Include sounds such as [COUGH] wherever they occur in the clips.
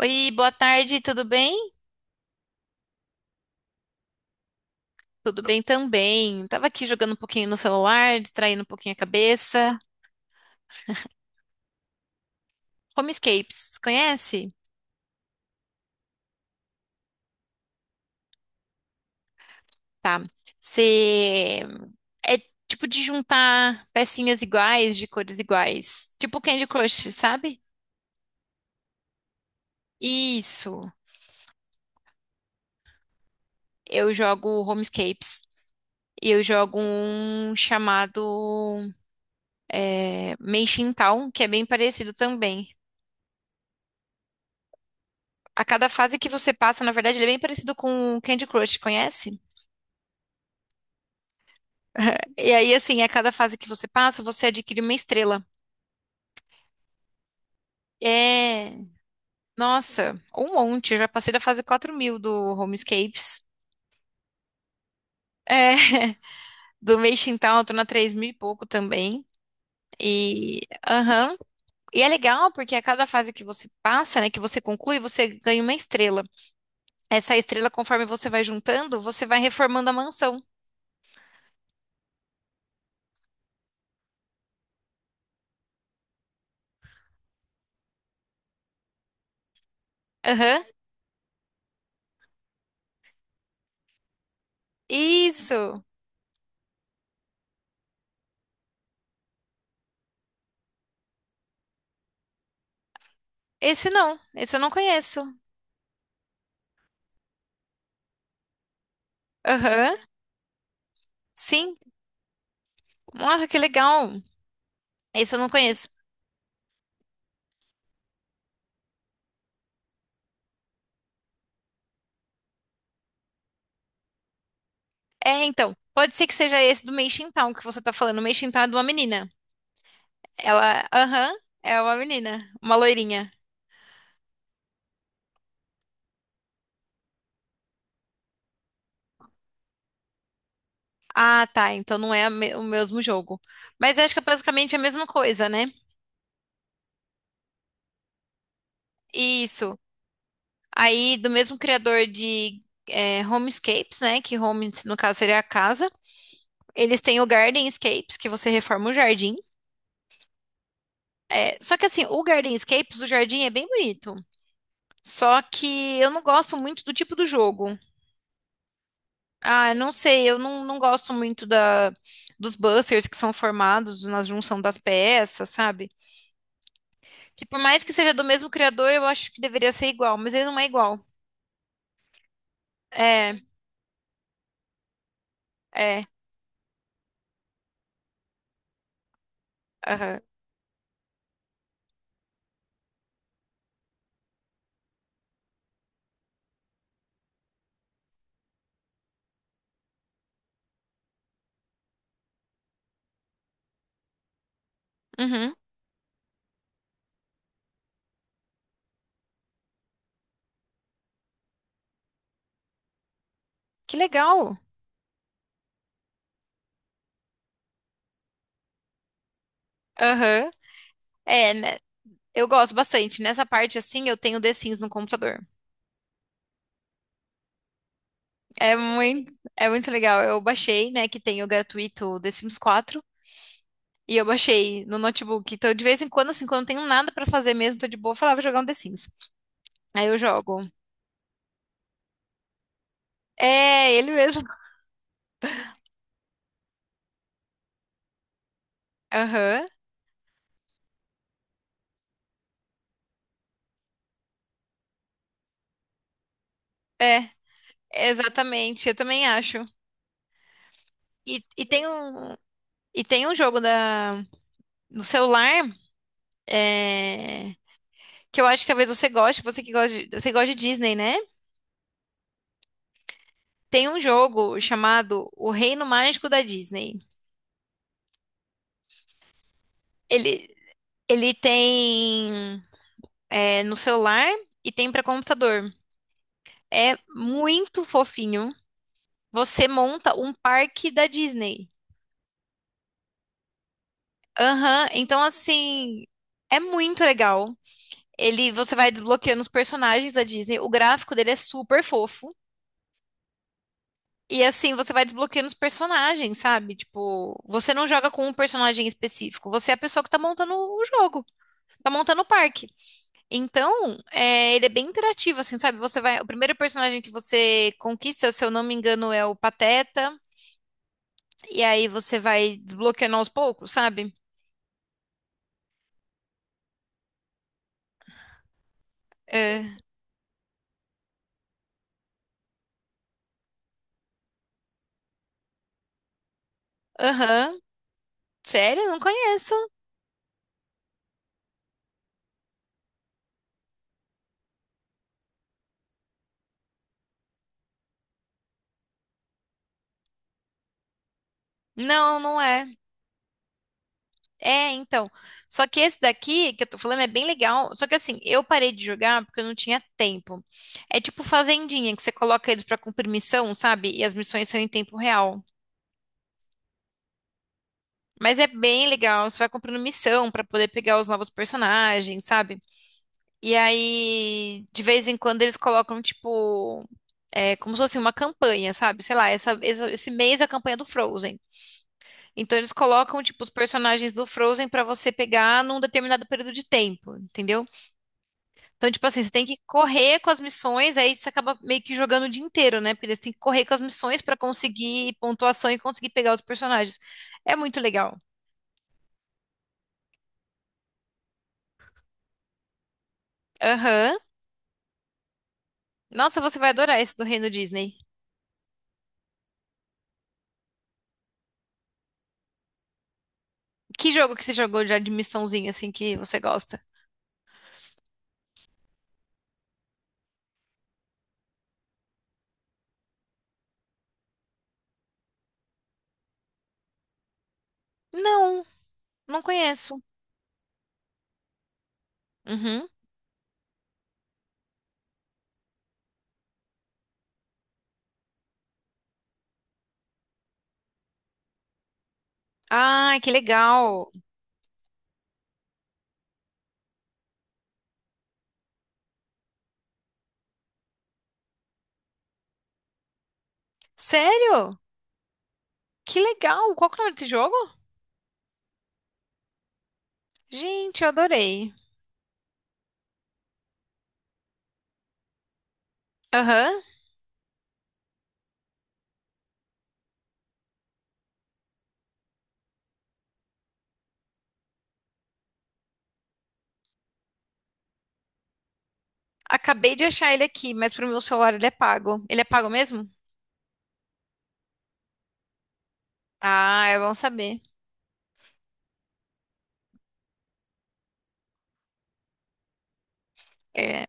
Oi, boa tarde, tudo bem? Tudo bem também. Tava aqui jogando um pouquinho no celular, distraindo um pouquinho a cabeça. Homescapes, conhece? Tá. Você é tipo de juntar pecinhas iguais, de cores iguais. Tipo Candy Crush, sabe? Isso. Eu jogo Homescapes. E eu jogo um chamado Meishin Town, que é bem parecido também. A cada fase que você passa, na verdade, ele é bem parecido com o Candy Crush, conhece? E aí, assim, a cada fase que você passa, você adquire uma estrela. É, nossa, um monte. Eu já passei da fase 4000 do Homescapes. É, [LAUGHS] do Meixin Town, eu tô na 3000 e pouco também. E, aham. E é legal porque a cada fase que você passa, né, que você conclui, você ganha uma estrela. Essa estrela, conforme você vai juntando, você vai reformando a mansão. Aham. Isso. Esse não. Esse eu não conheço. Aham. Sim. Nossa, que legal. Esse eu não conheço. É, então, pode ser que seja esse do Meixin Town que você tá falando. O Meixin Town é de uma menina. Ela, aham, é uma menina, uma loirinha. Ah, tá, então não é a me- o mesmo jogo. Mas eu acho que é basicamente a mesma coisa, né? Isso. Aí, do mesmo criador de Homescapes, né? Que home, no caso, seria a casa. Eles têm o Gardenscapes, que você reforma o jardim. É, só que assim, o Gardenscapes, o jardim é bem bonito. Só que eu não gosto muito do tipo do jogo. Ah, eu não sei, eu não, não gosto muito da, dos busters que são formados na junção das peças, sabe? Que por mais que seja do mesmo criador, eu acho que deveria ser igual, mas ele não é igual. É, é, aham, uhum. Que legal. Aham. É, né? Eu gosto bastante. Nessa parte, assim, eu tenho The Sims no computador. É muito, é muito legal. Eu baixei, né, que tem o gratuito The Sims 4. E eu baixei no notebook. Então, de vez em quando, assim, quando eu não tenho nada pra fazer mesmo, tô de boa, eu falava jogar um The Sims. Aí eu jogo. É, ele mesmo. Aham. É, exatamente. Eu também acho. E, e tem um, e tem um jogo da, no celular é, que eu acho que talvez você goste, você gosta de Disney, né? Tem um jogo chamado O Reino Mágico da Disney. Ele, ele tem no celular e tem para computador. É muito fofinho. Você monta um parque da Disney. Aham, então assim, é muito legal. Ele, você vai desbloqueando os personagens da Disney. O gráfico dele é super fofo. E assim, você vai desbloqueando os personagens, sabe? Tipo, você não joga com um personagem específico, você é a pessoa que tá montando o jogo, tá montando o parque. Então, é, ele é bem interativo, assim, sabe? Você vai, o primeiro personagem que você conquista, se eu não me engano, é o Pateta, e aí você vai desbloqueando aos poucos, sabe? É, aham. Sério? Não conheço. Não, não é. É, então. Só que esse daqui que eu tô falando é bem legal. Só que assim, eu parei de jogar porque eu não tinha tempo. É tipo Fazendinha, que você coloca eles pra cumprir missão, sabe? E as missões são em tempo real. Mas é bem legal. Você vai cumprindo missão pra poder pegar os novos personagens, sabe? E aí, de vez em quando, eles colocam, tipo, como se fosse uma campanha, sabe? Sei lá, esse mês é a campanha do Frozen. Então, eles colocam, tipo, os personagens do Frozen pra você pegar num determinado período de tempo, entendeu? Então, tipo assim, você tem que correr com as missões, aí você acaba meio que jogando o dia inteiro, né? Porque você tem que correr com as missões pra conseguir pontuação e conseguir pegar os personagens. É muito legal. Aham. Nossa, você vai adorar esse do Reino Disney. Que jogo que você jogou já de missãozinha, assim, que você gosta? Não, não conheço. Uhum. Ah, que legal. Sério? Que legal. Qual que é o nome desse jogo? Gente, eu adorei. Aham. Acabei de achar ele aqui, mas pro meu celular ele é pago. Ele é pago mesmo? Ah, é bom saber. É.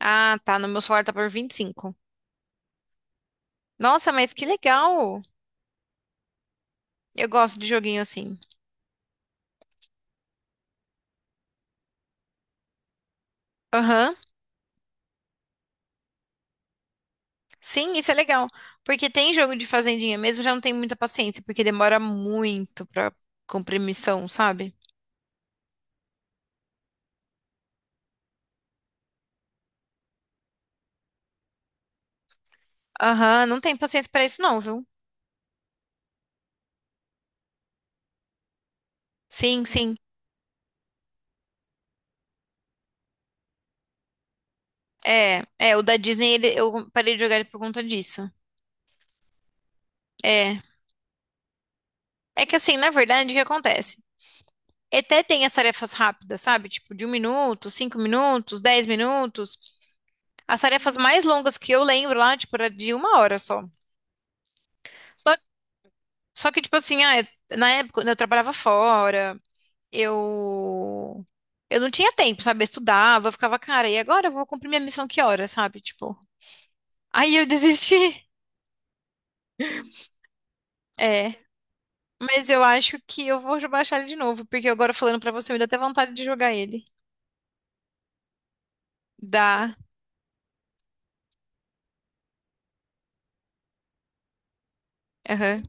Ah, tá. No meu celular tá por 25. Nossa, mas que legal! Eu gosto de joguinho assim. Aham. Sim, isso é legal. Porque tem jogo de fazendinha mesmo, eu já não tenho muita paciência, porque demora muito pra cumprir missão, sabe? Aham, não tenho paciência pra isso não, viu? Sim, sim. É, é, o da Disney, ele- eu parei de jogar ele por conta disso. É. É que assim, na verdade, o que acontece? Até tem as tarefas rápidas, sabe? Tipo, de 1 minuto, 5 minutos, 10 minutos. As tarefas mais longas que eu lembro lá, tipo, era de 1 hora só. Só, tipo assim, ah, na época, quando eu trabalhava fora, eu. Eu não tinha tempo, sabe? Eu estudava, eu ficava, cara, e agora eu vou cumprir minha missão que hora, sabe? Tipo. Aí eu desisti. [LAUGHS] É. Mas eu acho que eu vou baixar ele de novo, porque agora falando pra você, me dá até vontade de jogar ele. Dá. Aham.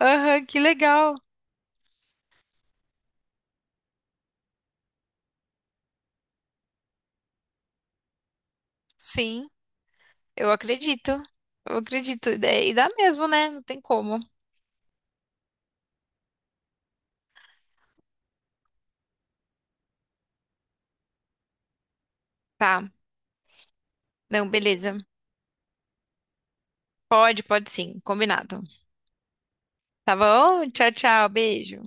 Aham, que legal. Sim, eu acredito. Eu acredito. E dá mesmo, né? Não tem como. Tá. Não, beleza. Pode, pode sim, combinado. Tá bom? Tchau, tchau, beijo.